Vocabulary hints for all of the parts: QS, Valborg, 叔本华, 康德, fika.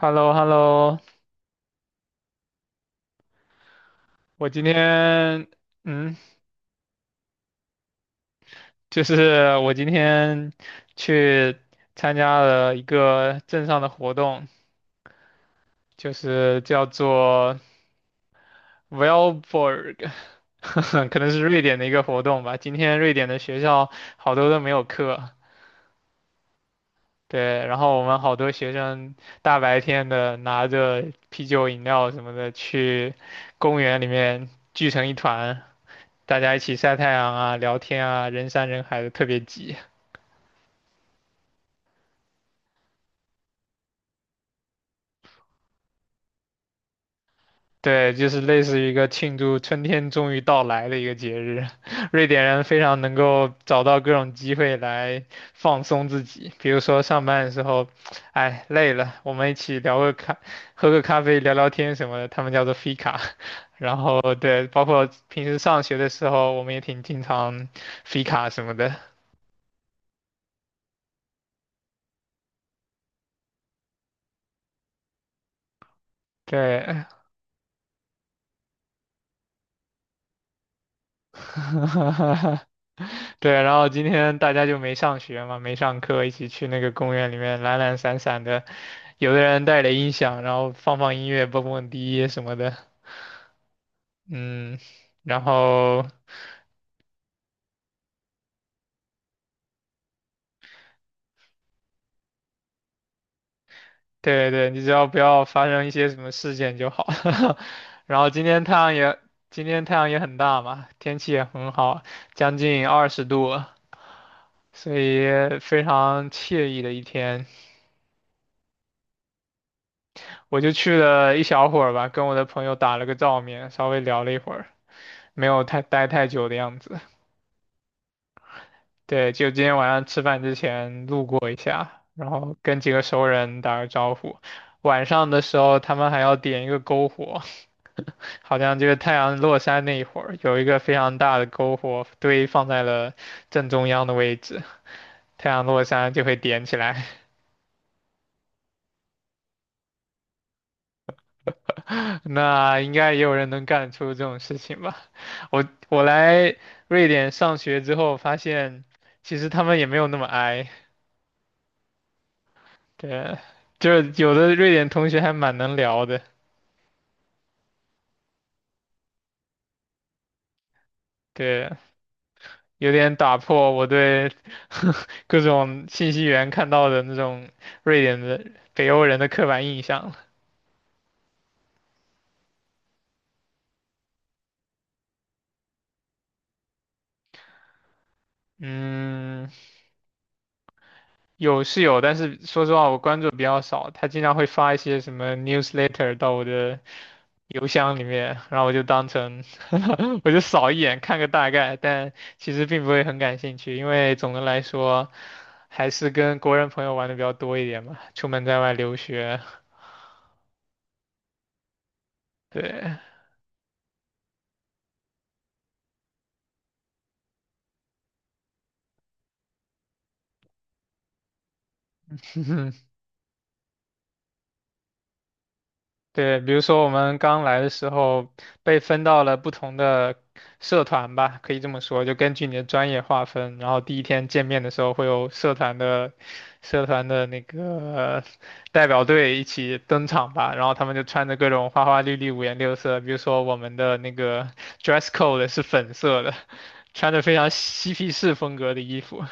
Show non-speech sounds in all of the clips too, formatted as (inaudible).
h e l l o h e l l o 我今天，嗯，就是我今天去参加了一个镇上的活动，就是叫做 Valborg，(laughs) 可能是瑞典的一个活动吧。今天瑞典的学校好多都没有课，对，然后我们好多学生大白天的拿着啤酒、饮料什么的去公园里面聚成一团，大家一起晒太阳啊、聊天啊，人山人海的，特别挤。对，就是类似于一个庆祝春天终于到来的一个节日。(laughs) 瑞典人非常能够找到各种机会来放松自己，比如说上班的时候，哎，累了，我们一起聊个咖，喝个咖啡，聊聊天什么的，他们叫做 fika。(laughs) 然后对，包括平时上学的时候，我们也挺经常 fika 什么的。对，(laughs) 对，然后今天大家就没上学嘛，没上课，一起去那个公园里面懒懒散散的，有的人带着音响，然后放放音乐，蹦蹦迪什么的，嗯，然后对对，你只要不要发生一些什么事件就好。 (laughs) 然后今天太阳也，今天太阳也很大嘛，天气也很好，将近20度，所以非常惬意的一天。我就去了一小会儿吧，跟我的朋友打了个照面，稍微聊了一会儿，没有太待太久的样子。对，就今天晚上吃饭之前路过一下，然后跟几个熟人打个招呼。晚上的时候，他们还要点一个篝火，好像就是太阳落山那一会儿，有一个非常大的篝火堆放在了正中央的位置，太阳落山就会点起来。那应该也有人能干出这种事情吧？(laughs) 我来瑞典上学之后，发现其实他们也没有那么 i，对，就是有的瑞典同学还蛮能聊的，对，有点打破我对 (laughs) 各种信息源看到的那种瑞典的北欧人的刻板印象了。嗯，有是有，但是说实话，我关注比较少。他经常会发一些什么 newsletter 到我的邮箱里面，然后我就当成 (laughs) 我就扫一眼看个大概，但其实并不会很感兴趣，因为总的来说还是跟国人朋友玩的比较多一点嘛，出门在外留学，对，(laughs) 对，比如说我们刚来的时候被分到了不同的社团吧，可以这么说，就根据你的专业划分。然后第一天见面的时候会有社团的社团的那个代表队一起登场吧，然后他们就穿着各种花花绿绿、五颜六色。比如说我们的那个 dress code 是粉色的，穿着非常嬉皮士风格的衣服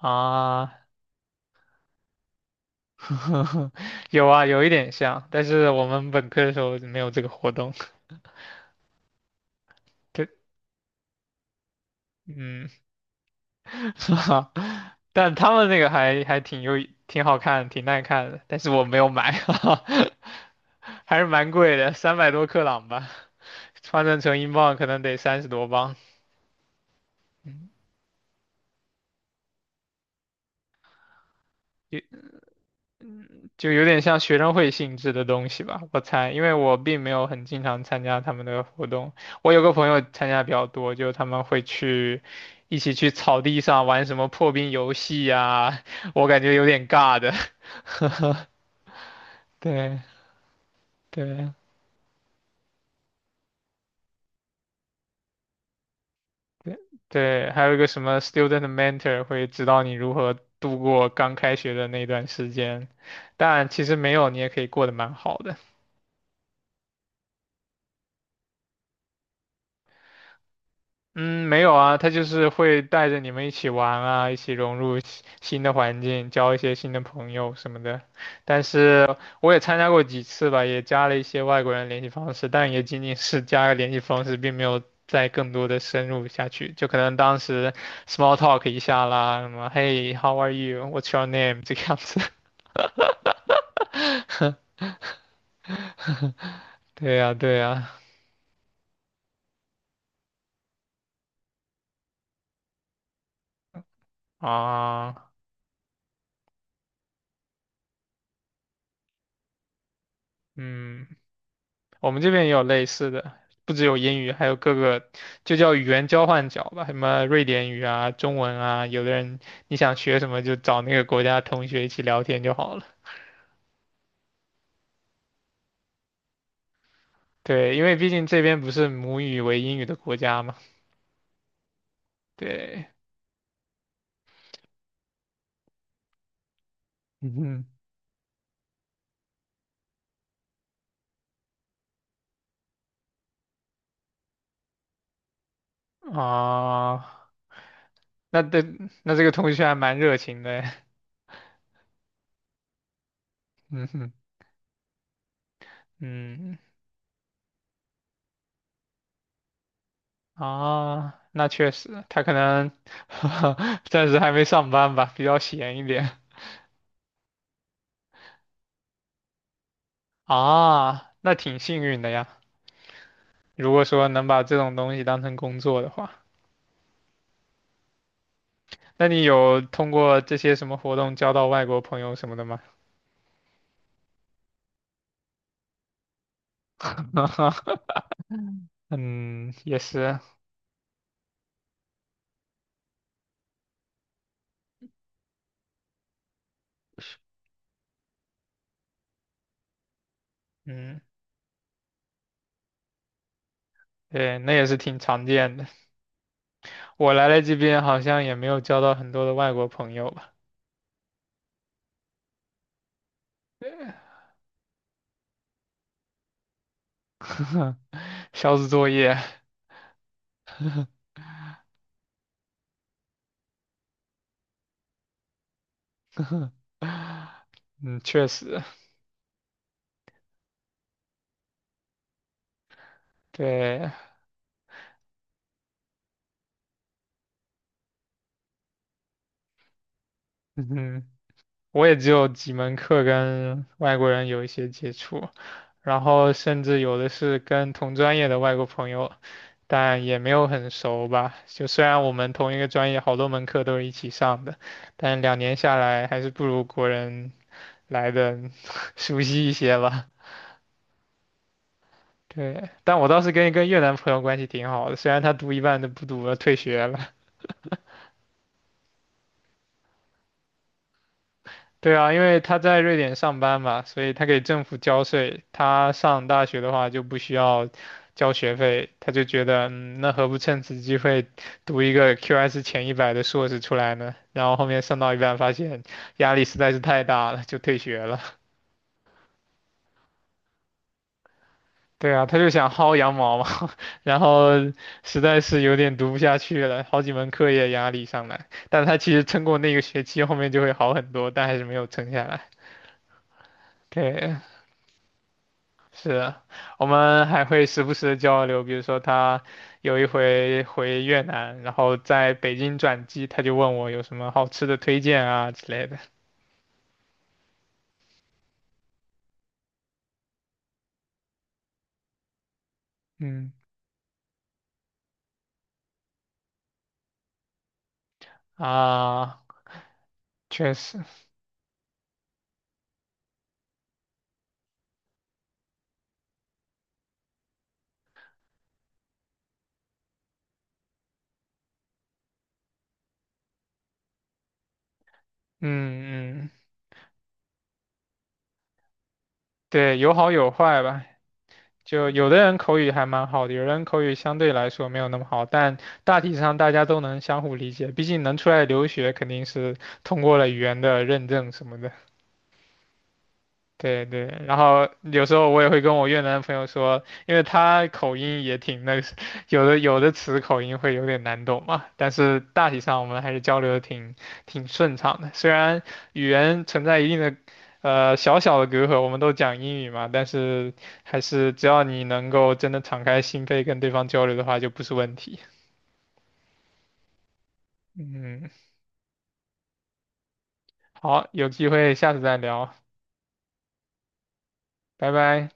啊。(laughs) 有啊，有一点像，但是我们本科的时候没有这个活动。(laughs) 对，嗯，(laughs) 是吧？但他们那个还挺有挺好看，挺耐看的，但是我没有买，(laughs) 还是蛮贵的，300多克朗吧，换算成英镑可能得30多镑，有就有点像学生会性质的东西吧，我猜，因为我并没有很经常参加他们的活动，我有个朋友参加比较多，就他们会去。一起去草地上玩什么破冰游戏呀、我感觉有点尬的。(laughs) 对对，对还有一个什么 student mentor 会指导你如何度过刚开学的那段时间，但其实没有，你也可以过得蛮好的。嗯，没有啊，他就是会带着你们一起玩啊，一起融入新的环境，交一些新的朋友什么的。但是我也参加过几次吧，也加了一些外国人联系方式，但也仅仅是加个联系方式，并没有再更多的深入下去。就可能当时 small talk 一下啦，什么 Hey，how are you？What's your name？(laughs) 这个样子。(laughs) 对呀，对呀，啊，嗯。我们这边也有类似的，不只有英语，还有各个就叫语言交换角吧，什么瑞典语啊、中文啊，有的人你想学什么就找那个国家同学一起聊天就好了。对，因为毕竟这边不是母语为英语的国家嘛。对，嗯哼，啊，那这那这个同学还蛮热情的，(laughs) 嗯哼，嗯。啊，那确实，他可能 (laughs) 暂时还没上班吧，比较闲一点啊，那挺幸运的呀。如果说能把这种东西当成工作的话，那你有通过这些什么活动交到外国朋友什么的吗？(laughs) 嗯，也是，嗯，对，那也是挺常见的。我来了这边好像也没有交到很多的外国朋友吧，(laughs) 小组作业，嗯，确实，对，嗯，我也只有几门课跟外国人有一些接触，然后甚至有的是跟同专业的外国朋友，但也没有很熟吧。就虽然我们同一个专业好多门课都是一起上的，但两年下来还是不如国人来的 (laughs) 熟悉一些吧。对，但我倒是跟一个越南朋友关系挺好的，虽然他读一半都不读了，退学了。对啊，因为他在瑞典上班嘛，所以他给政府交税。他上大学的话就不需要交学费，他就觉得，嗯，那何不趁此机会读一个 QS 前100的硕士出来呢？然后后面上到一半发现压力实在是太大了，就退学了。对啊，他就想薅羊毛嘛，(laughs) 然后实在是有点读不下去了，好几门课业压力上来。但他其实撑过那个学期，后面就会好很多，但还是没有撑下来。对，是，我们还会时不时的交流，比如说他有一回回越南，然后在北京转机，他就问我有什么好吃的推荐啊之类的。嗯啊，确实，嗯嗯，对，有好有坏吧。就有的人口语还蛮好的，有人口语相对来说没有那么好，但大体上大家都能相互理解，毕竟能出来留学肯定是通过了语言的认证什么的。对对，然后有时候我也会跟我越南朋友说，因为他口音也挺那个，(laughs) 有的词口音会有点难懂嘛，但是大体上我们还是交流的挺顺畅的。虽然语言存在一定的小小的隔阂，我们都讲英语嘛，但是还是只要你能够真的敞开心扉跟对方交流的话，就不是问题。嗯，好，有机会下次再聊，拜拜。